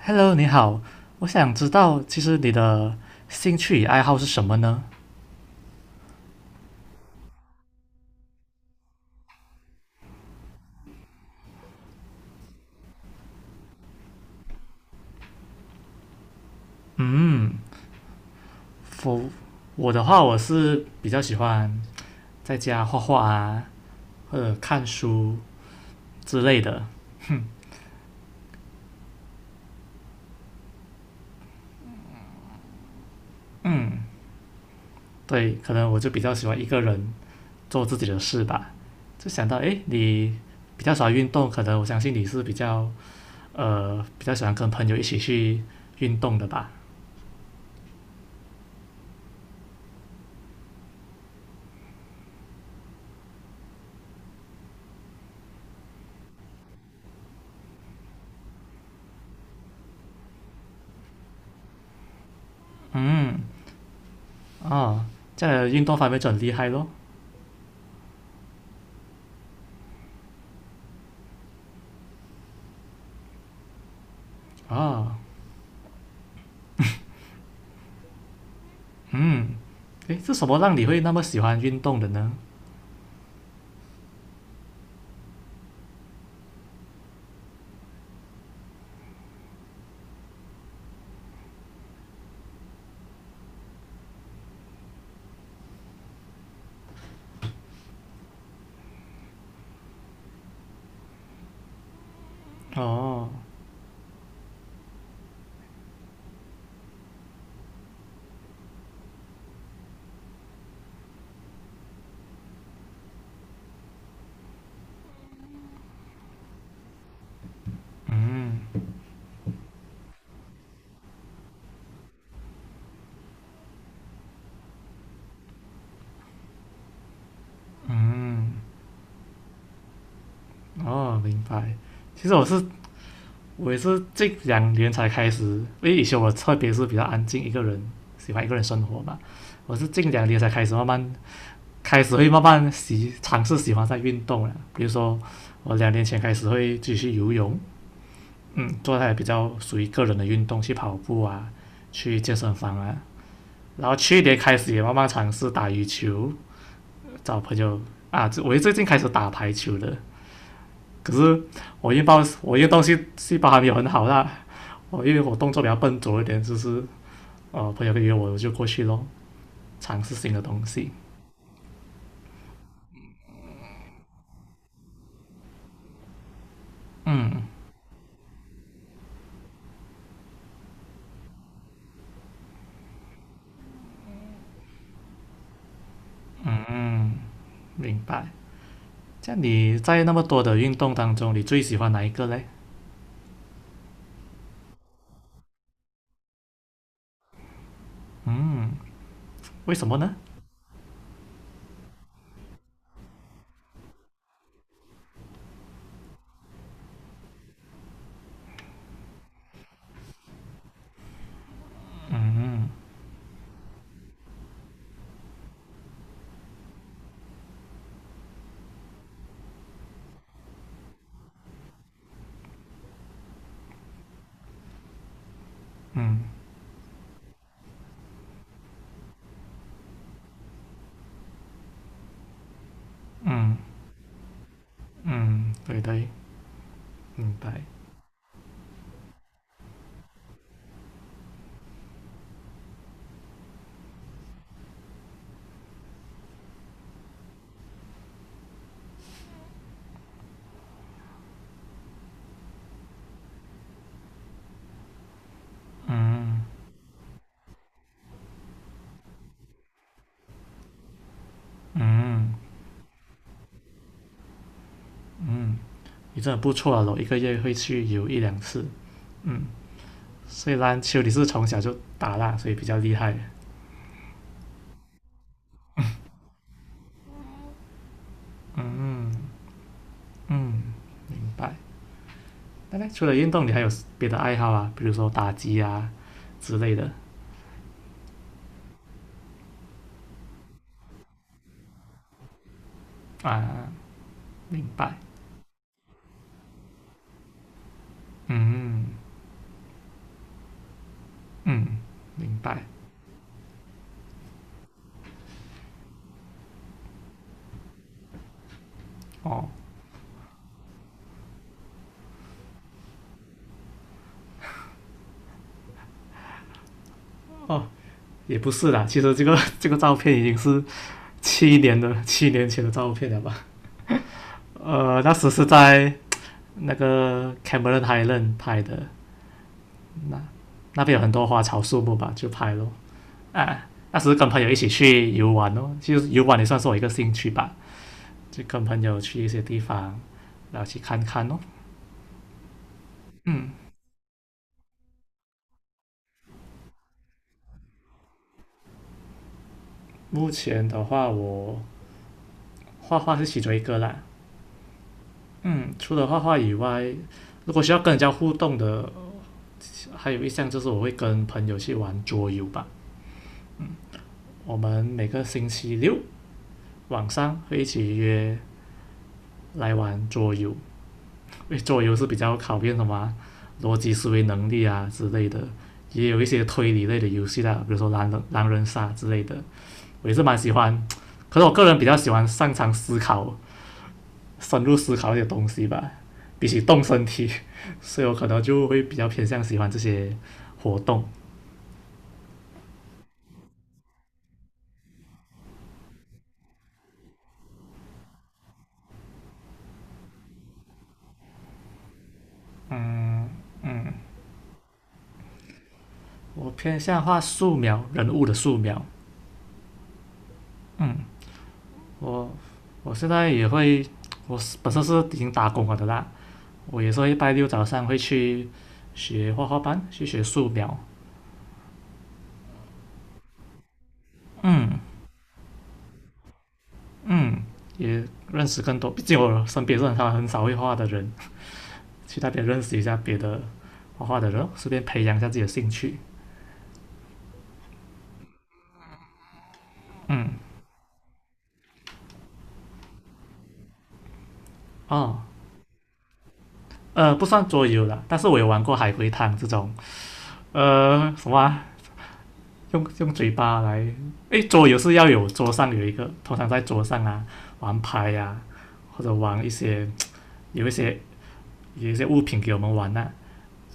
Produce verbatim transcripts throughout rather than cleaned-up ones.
Hello，你好，我想知道，其实你的兴趣与爱好是什么呢？我我的话，我是比较喜欢在家画画啊，或者看书之类的。对，可能我就比较喜欢一个人做自己的事吧。就想到，诶，你比较喜欢运动，可能我相信你是比较呃比较喜欢跟朋友一起去运动的吧？哦，这样的运动方面就很厉害咯。哦，诶，是什么让你会那么喜欢运动的呢？哦，哦，明白。其实我是我也是近两年才开始，因为以前我特别是比较安静一个人，喜欢一个人生活嘛。我是近两年才开始慢慢开始会慢慢喜尝试喜欢上运动了。比如说，我两年前开始会继续游泳，嗯，做那些比较属于个人的运动，去跑步啊，去健身房啊。然后去年开始也慢慢尝试打羽球，找朋友啊，这我最近开始打排球了。可是我运报我运动细细胞还没有很好啦，我因为我动作比较笨拙一点，就是呃朋友约我我就过去咯，尝试新的东西。明白。像你在那么多的运动当中，你最喜欢哪一个嘞？为什么呢？嗯嗯，对对，明白。你真的不错啊，我一个月会去游一两次。嗯，虽然球你是从小就打啦，所以比较厉害。嗯嗯嗯，明白。那概除了运动，你还有别的爱好啊？比如说打机啊之类的啊？明白，嗯，明白。哦哦，也不是啦，其实这个 这个照片已经是七年的七年前的照片了吧？呃，那时是在那个 Cameron Highland 拍的，那那边有很多花草树木吧，就拍咯。啊，那时跟朋友一起去游玩咯，其实游玩也算是我一个兴趣吧，就跟朋友去一些地方，然后去看看咯。嗯，目前的话我画画是其中一个啦。嗯，除了画画以外，如果需要跟人家互动的，还有一项就是我会跟朋友去玩桌游吧。我们每个星期六晚上会一起约来玩桌游，因为桌游是比较考验什么啊逻辑思维能力啊之类的，也有一些推理类的游戏啦，比如说狼人狼人杀之类的，我也是蛮喜欢。可是我个人比较喜欢擅长思考深入思考一些东西吧，比起动身体，所以我可能就会比较偏向喜欢这些活动。嗯，我偏向画素描人物的素描。嗯，我我现在也会，我本身是已经打工了的啦，我也是会拜六早上会去学画画班，去学素描。嗯嗯，也认识更多，毕竟我身边是很少很少会画的人，去那边认识一下别的画画的人，顺便培养一下自己的兴趣。啊。呃，不算桌游啦，但是我有玩过海龟汤这种，呃，什么啊、用用嘴巴来，诶，桌游是要有桌上有一个，通常在桌上啊玩牌呀、啊或者玩一些有一些有一些物品给我们玩呐、啊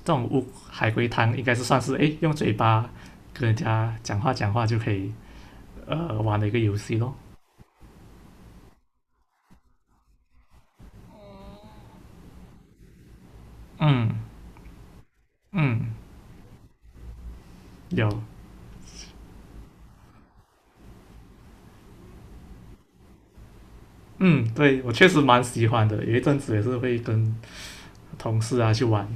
这种物海龟汤应该是算是诶，用嘴巴跟人家讲话讲话就可以呃玩的一个游戏咯。嗯嗯，有嗯，对我确实蛮喜欢的，有一阵子也是会跟同事啊去玩，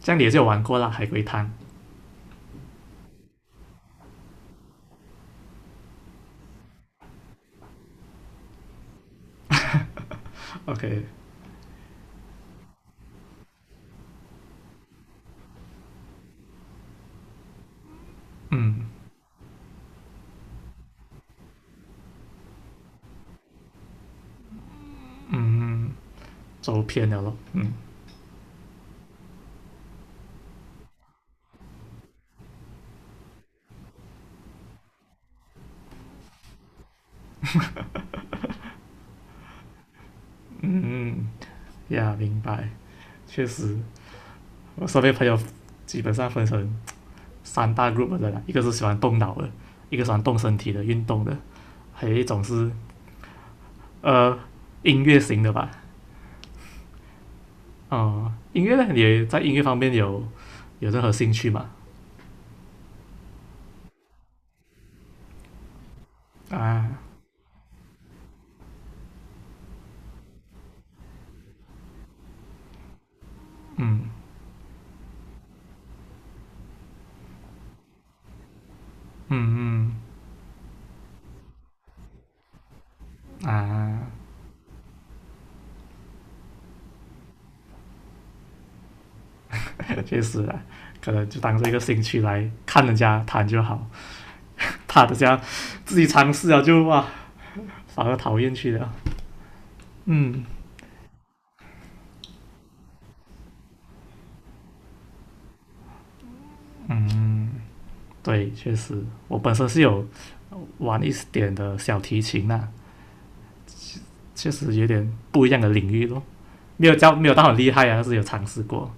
这样你也是有玩过啦，海龟汤。OK，走偏了咯。嗯嗯嗯，呀，明白，确实，我身边朋友基本上分成三大 group 的啦，一个是喜欢动脑的，一个喜欢动身体的运动的，还有一种是呃音乐型的吧。哦、音乐呢，也在音乐方面有有任何兴趣嘛？啊，嗯啊，确实啊，可能就当做一个兴趣来看人家弹就好，他的这样自己尝试了就哇，反而讨厌去了。嗯，对，确实，我本身是有玩一点的小提琴呐、啊确实有点不一样的领域咯。没有教，没有到很厉害啊，但是有尝试过。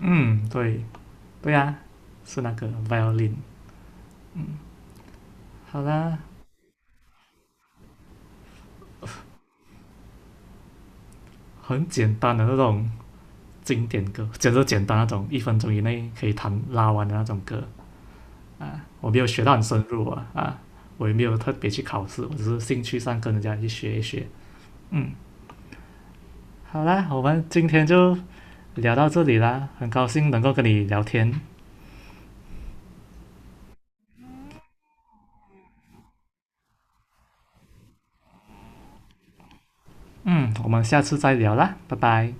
嗯，对，对呀、是那个 violin。好啦，很简单的那种经典歌，简直简单那种，一分钟以内可以弹拉完的那种歌啊。我没有学到很深入啊啊，我也没有特别去考试，我只是兴趣上跟人家去学一学。嗯，好啦，我们今天就聊到这里啦，很高兴能够跟你聊天。嗯，我们下次再聊啦，拜拜。